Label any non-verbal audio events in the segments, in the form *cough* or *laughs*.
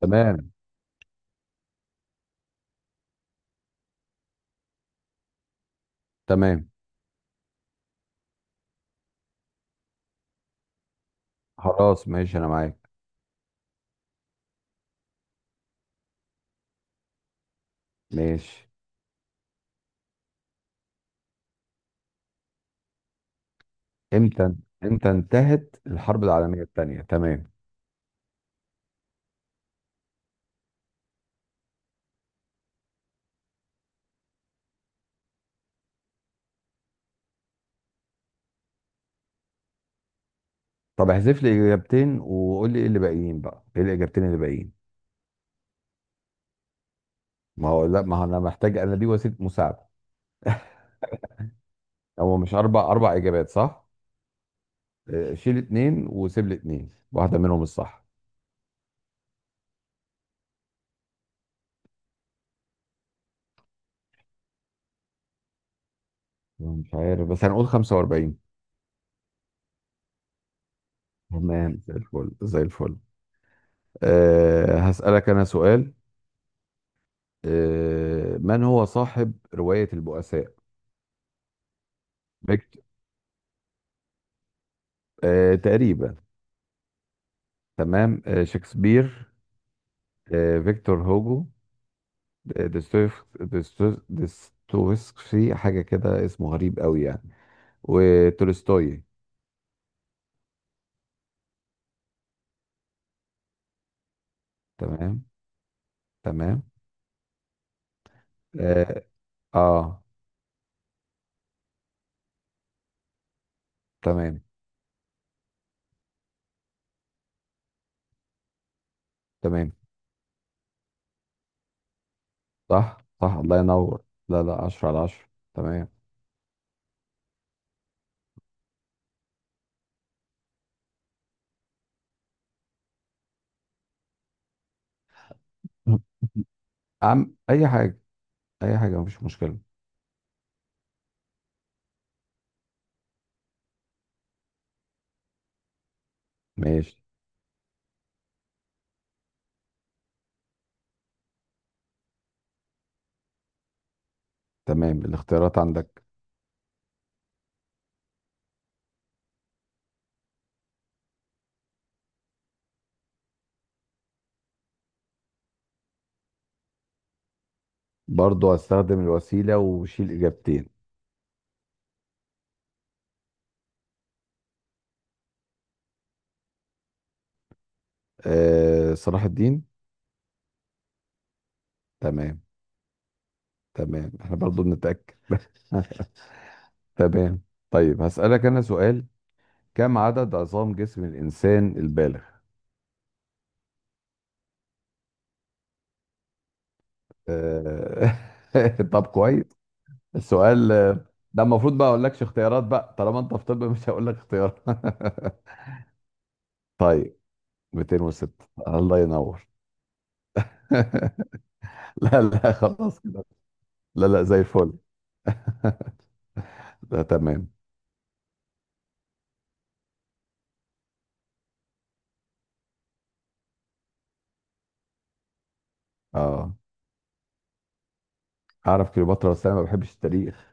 تمام. تمام. خلاص، ماشي، انا معاك. ماشي. امتى؟ انتهت الحرب العالميه الثانيه؟ تمام. طب احذف لي اجابتين وقول لي ايه اللي باقيين بقى، ايه الاجابتين اللي باقيين؟ ما هو لا، ما هو انا محتاج، انا دي وسيله مساعده. هو مش اربع اجابات، صح؟ شيل اتنين وسيب لي اتنين، واحده منهم الصح. مش عارف، بس هنقول 45. تمام، زي الفل زي الفل. هسألك انا سؤال. من هو صاحب روايه البؤساء؟ بيك. آه، تقريبا. تمام. شكسبير. فيكتور هوجو. دستويفسكي، حاجة كده اسمه غريب قوي يعني. وتولستوي. تمام. تمام. اه، آه. تمام. تمام، صح صح، الله ينور. لا لا، 10/10. تمام. أي حاجة. أي حاجة، مفيش مشكلة. ماشي. تمام، الاختيارات عندك. برضو هستخدم الوسيلة وشيل إجابتين. صلاح الدين. تمام. تمام، احنا برضو بنتأكد. *laughs* تمام. طيب هسألك أنا سؤال. كم عدد عظام جسم الإنسان البالغ؟ آه، *laughs* طب كويس. السؤال ده المفروض بقى أقول لكش اختيارات بقى، طالما أنت في طب مش هقول لك اختيارات. *laughs* طيب. 206، الله ينور. *laughs* لا لا، خلاص كده. لا لا، زي الفل. *laughs* ده تمام. اه، أعرف كليوباترا، بس أنا ما بحبش التاريخ.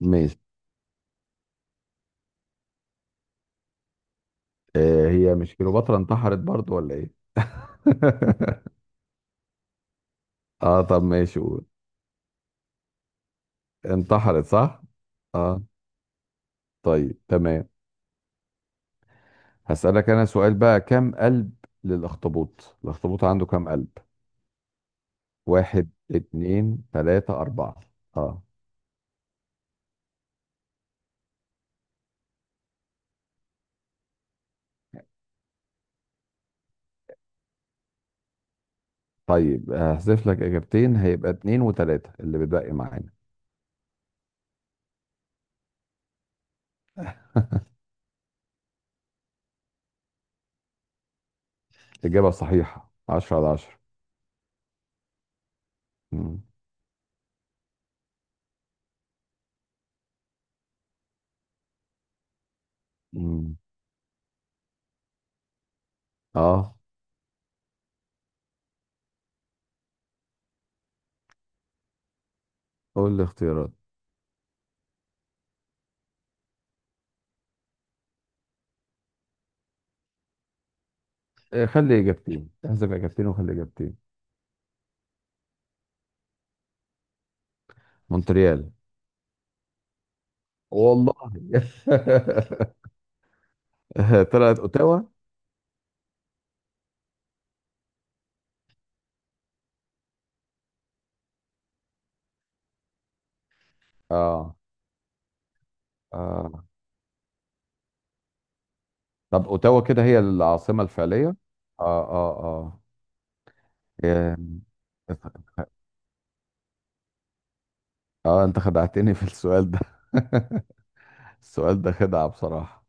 *laughs* ماشي. آه، هي مش كليوباترا انتحرت برضو، ولا إيه؟ *laughs* اه، طب ماشي، قول. انتحرت، صح. اه. طيب، تمام. هسألك انا سؤال بقى، كم قلب للاخطبوط؟ الاخطبوط عنده كم قلب؟ واحد، اتنين، تلاتة، اربعة. اه. طيب هحذف لك اجابتين، هيبقى اتنين وتلاتة اللي بتبقي معانا. اجابة صحيحة، 10/10. مم. مم. اه، قول لي اختيارات. آه، خلي اجابتين، احذف اجابتين وخلي اجابتين. مونتريال. والله؟ *laughs* طلعت اوتاوا. اه. اه، طب اوتاوا كده هي العاصمة الفعلية. اه اه اه. إيه؟ اه، انت خدعتني في السؤال ده. *laughs* السؤال ده خدعة بصراحة.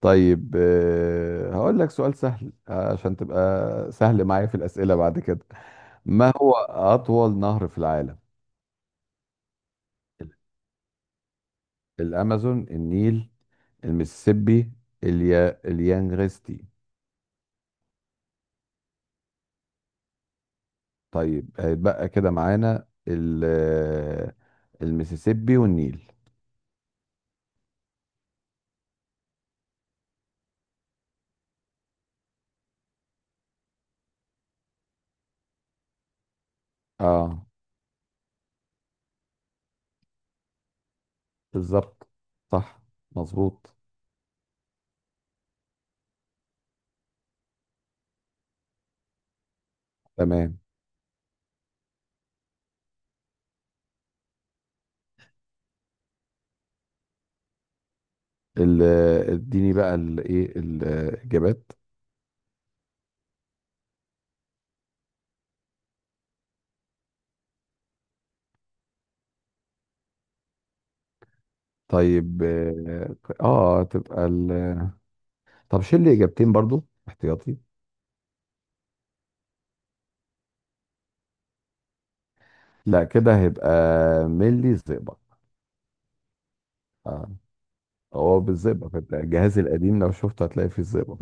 طيب، هقول لك سؤال سهل عشان تبقى سهل معايا في الأسئلة بعد كده. ما هو أطول نهر في العالم؟ الأمازون، النيل، المسيسيبي، اليانغستي. طيب هيتبقى كده معانا ال... آه، المسيسيبي والنيل. اه، بالظبط. صح. مظبوط. تمام. ال- اديني بقى الايه الاجابات. طيب. اه. آه، تبقى طب شيل لي اجابتين برضو احتياطي. لا كده هيبقى ملي الزئبق. اه. هو بالزئبق، انت الجهاز القديم لو شفته هتلاقي فيه الزئبق.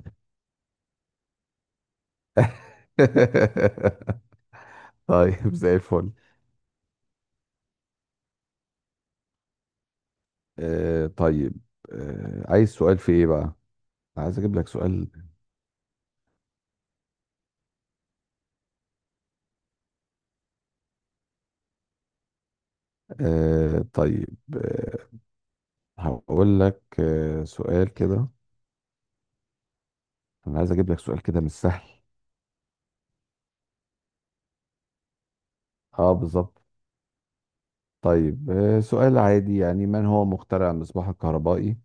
*laughs* طيب، زي الفل. طيب. عايز سؤال في ايه بقى؟ عايز اجيب لك سؤال. طيب. آه هقول لك سؤال كده. انا عايز اجيب لك سؤال كده مش سهل. اه، بالظبط. طيب، آه، سؤال عادي يعني، من هو مخترع المصباح الكهربائي؟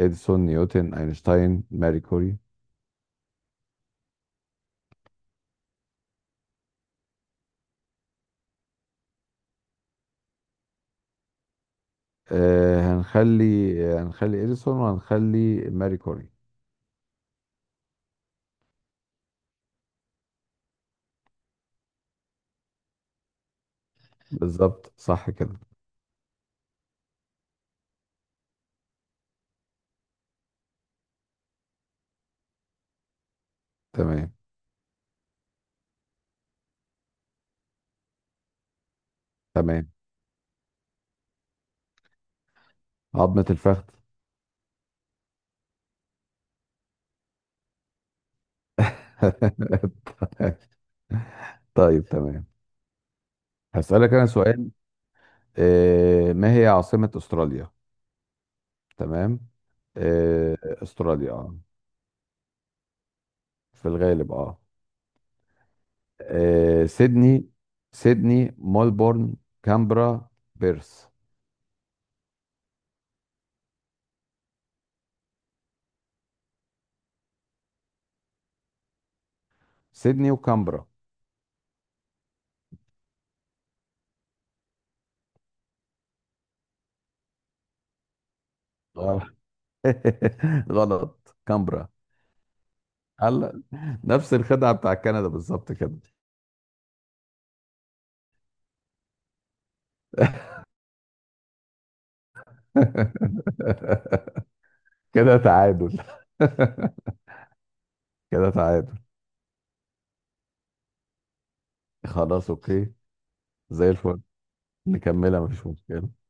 اديسون، نيوتن، اينشتاين، ماري كوري. هنخلي، هنخلي اديسون وهنخلي ماري كوري. بالظبط، صح كده. تمام. تمام. عظمة الفخذ. *laughs* طيب تمام. هسألك انا سؤال. ما هي عاصمة استراليا؟ تمام. آه، استراليا. اه، في الغالب. اه. آه، سيدني. سيدني، ملبورن، كامبرا، بيرث. سيدني وكامبرا. آه. *laughs* اه، غلط. كامبرا. هلا. نفس الخدعة بتاع كندا بالظبط كده. *laughs* كده تعادل. *laughs* كده تعادل. خلاص، اوكي. زي الفل. نكملها، مفيش مشكلة.